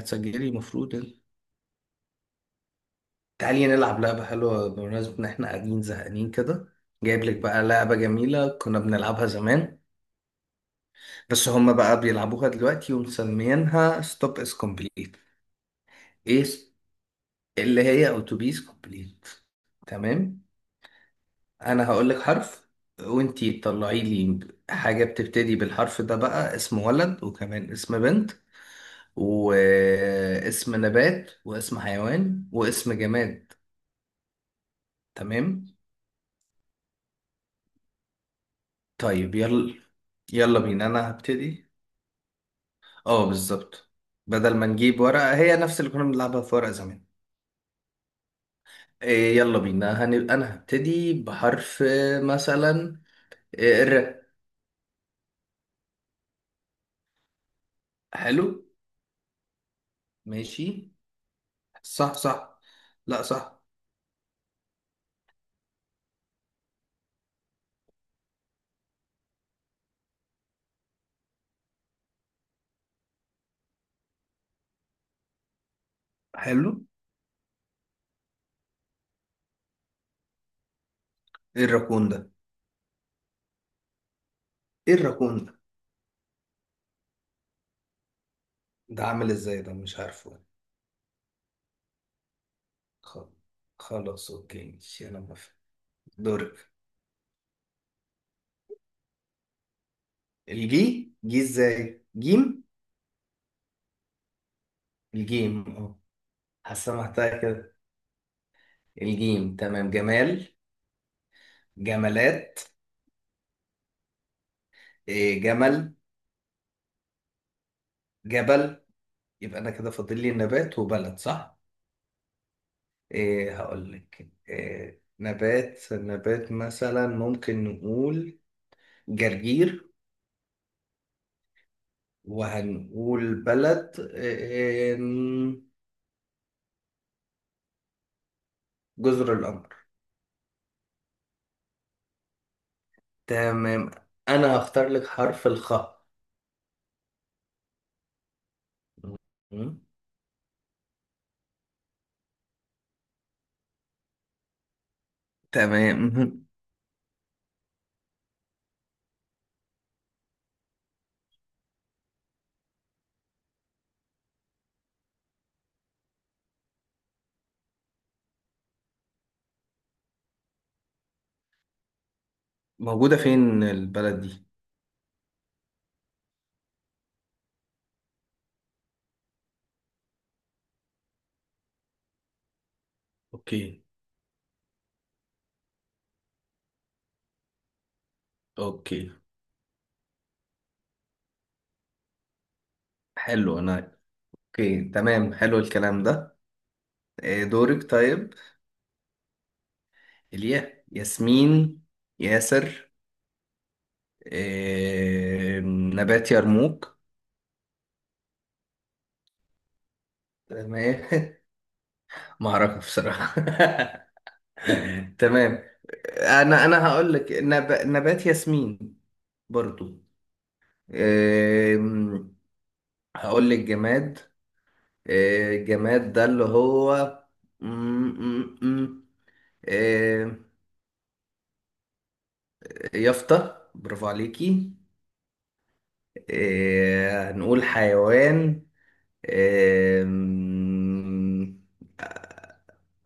هتسجلي المفروض انت. تعالي نلعب لعبة حلوة بمناسبة إن إحنا قاعدين زهقانين كده. جايب لك بقى لعبة جميلة كنا بنلعبها زمان، بس هما بقى بيلعبوها دلوقتي ومسميينها ستوب إز كومبليت. إيه، اللي هي أوتوبيس كومبليت. تمام. أنا هقول لك حرف، وإنتي تطلعي لي حاجة بتبتدي بالحرف ده، بقى اسم ولد وكمان اسم بنت واسم نبات واسم حيوان واسم جماد. تمام. طيب يلا. يلا بينا انا هبتدي. اه، بالظبط. بدل ما نجيب ورقة، هي نفس اللي كنا بنلعبها في ورقة زمان. إيه يلا بينا انا هبتدي بحرف، مثلا. إيه الر. حلو. ماشي. صح، صح. لا، صح. حلو. ايه الراكون ده؟ ايه الراكون ده؟ ده عامل ازاي ده؟ مش عارفه. خل- خلاص، اوكي ماشي انا موافق. دورك. الجي جي ازاي جيم؟ الجيم، اه. حاسه محتاجة كده. الجيم، تمام. جمال. جمالات. إيه جمل. جبل. يبقى انا كده فاضل لي نبات وبلد، صح؟ إيه، هقول لك إيه نبات. نبات مثلا ممكن نقول جرجير. وهنقول بلد إيه؟ جزر القمر. تمام. انا هختار لك حرف الخاء. مم. تمام. موجودة فين البلد دي؟ اوكي. اوكي. حلو، انا... اوكي تمام، حلو الكلام ده. دورك طيب. إليا ياسمين. ياسر. نبات يرموك. تمام. معركة بصراحة. تمام. أنا هقول لك نبات ياسمين برضو. آم، هقول لك جماد. الجماد ده اللي هو م- م- م- آه، يافطة، برافو عليكي. هنقول حيوان. أم...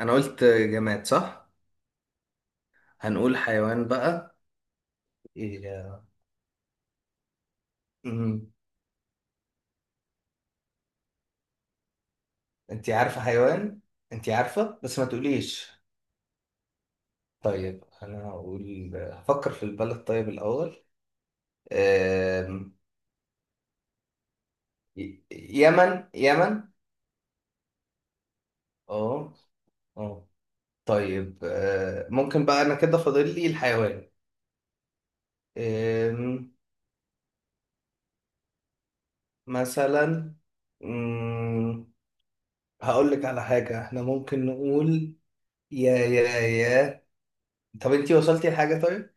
انا قلت جماد صح؟ هنقول حيوان بقى. إيه... أم، انت عارفة حيوان. انت عارفة بس ما تقوليش. طيب انا هقول... هفكر في البلد طيب الاول. أم... يمن. يمن. اه. اه. طيب ممكن بقى. انا كده فاضل لي الحيوان. أم... مثلا. أم... هقول لك على حاجة احنا ممكن نقول. يا. طب انتي وصلتي لحاجة طيب؟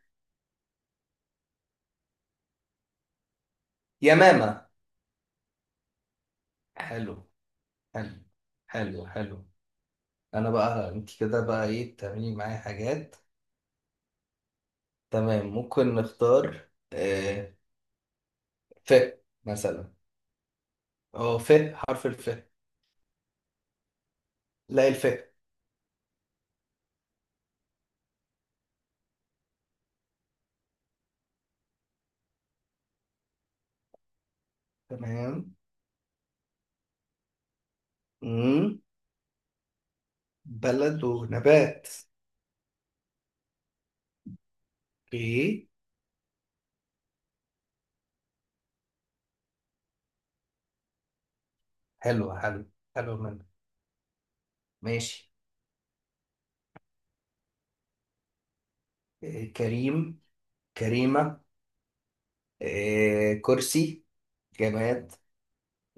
يا ماما. حلو. حلو حلو حلو. انا بقى، انتي كده بقى ايه؟ تعملي معايا حاجات. تمام، ممكن نختار آه. ف، مثلا. اه ف. حرف الف. لا، الف. تمام. مم. بلد ونبات. اوكي. حلو حلو حلو منه. ماشي. آه كريم. كريمة. آه كرسي. جماد.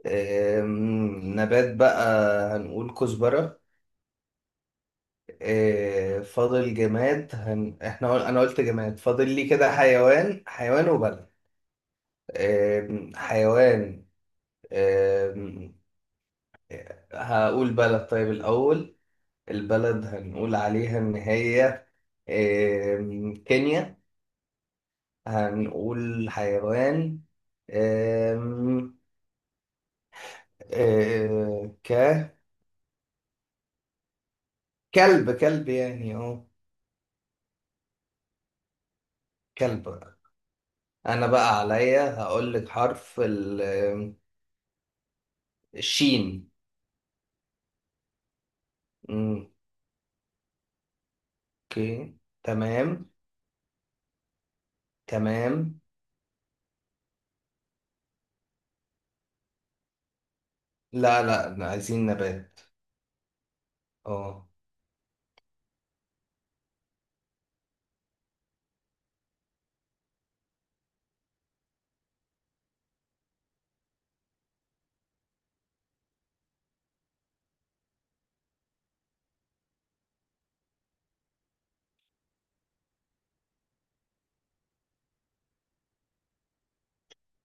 نبات بقى. هنقول كزبرة. فاضل جماد احنا انا قلت جماد. فاضل لي كده حيوان. حيوان وبلد. حيوان. آم، هقول بلد طيب الأول. البلد هنقول عليها إن هي كينيا. هنقول حيوان. آم، ك. كلب، كلب يعني، اه. كلب. انا بقى عليا هقول لك حرف الشين. مم. اوكي تمام. تمام. لا، لا، عايزين نبات. اه.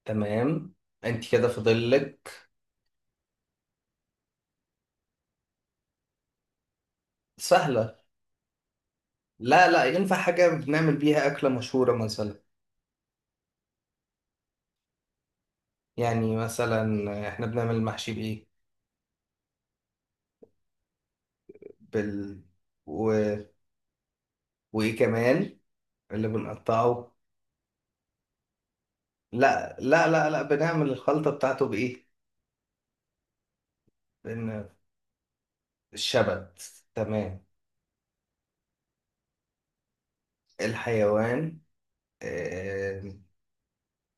تمام. انت كده فاضل لك. سهله. لا لا، ينفع حاجه بنعمل بيها اكله مشهوره مثلا. يعني مثلا احنا بنعمل المحشي بايه؟ بال... و... وايه كمان؟ اللي بنقطعه. لا لا لا لا، بنعمل الخلطه بتاعته بايه؟ بن... الشبت. تمام. الحيوان. آه،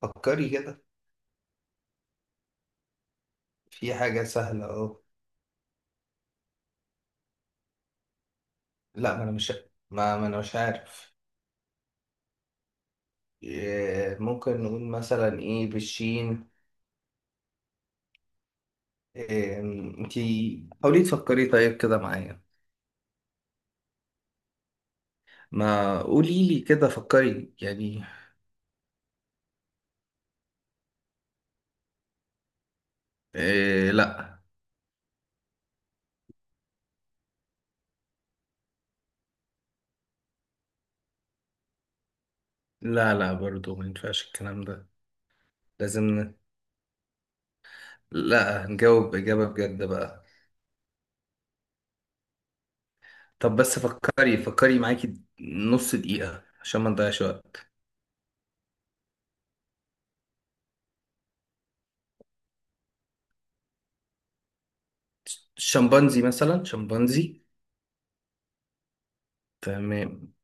فكري كده. في حاجة سهلة أهو. لا، ما أنا مش... ما أنا مش عارف. ممكن نقول مثلا إيه بالشين. آه، أنتي حاولي تفكري طيب كده معايا. ما قولي لي كده، فكري يعني. لا. لا، لا، برضو ما ينفعش الكلام ده. لازم ن... لا، نجاوب إجابة بجد بقى. طب بس فكري. فكري معاكي نص دقيقة عشان ما نضيعش وقت. شمبانزي مثلا، شمبانزي. تمام.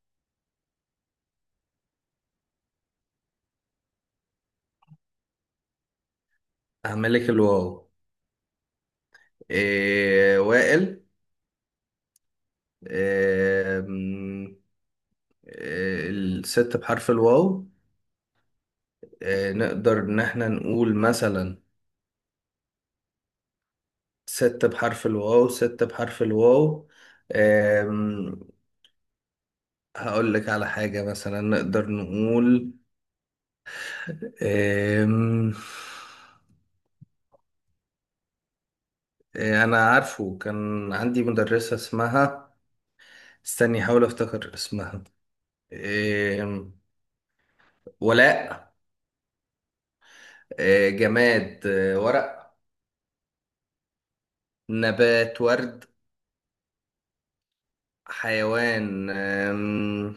هعمل لك الواو. إيه وائل. إيه م- إيه الست بحرف الواو؟ إيه نقدر إن احنا نقول مثلا ست بحرف الواو؟ ست بحرف الواو. إيه م- هقول لك على حاجة مثلا نقدر نقول. إيه م- إيه، أنا عارفه كان عندي مدرسة اسمها... استني أحاول أفتكر اسمها. إيه م- ولاء. إيه جماد. إيه ورق. نبات ورد. حيوان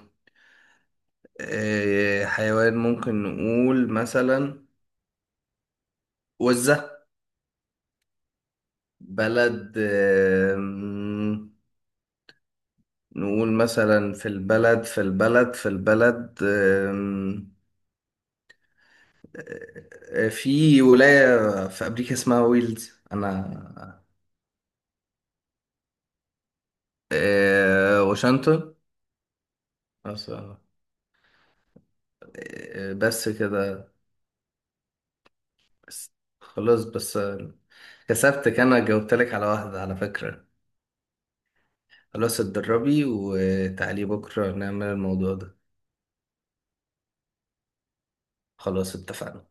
حيوان ممكن نقول مثلا وزة. بلد نقول مثلا في البلد أم... في ولاية في أمريكا اسمها ويلز أنا... واشنطن. أصلاً. بس كده. بس. خلاص بس كسبتك. أنا جاوبتلك على واحدة على فكرة. خلاص، اتدربي وتعالي بكرة نعمل الموضوع ده. خلاص اتفقنا.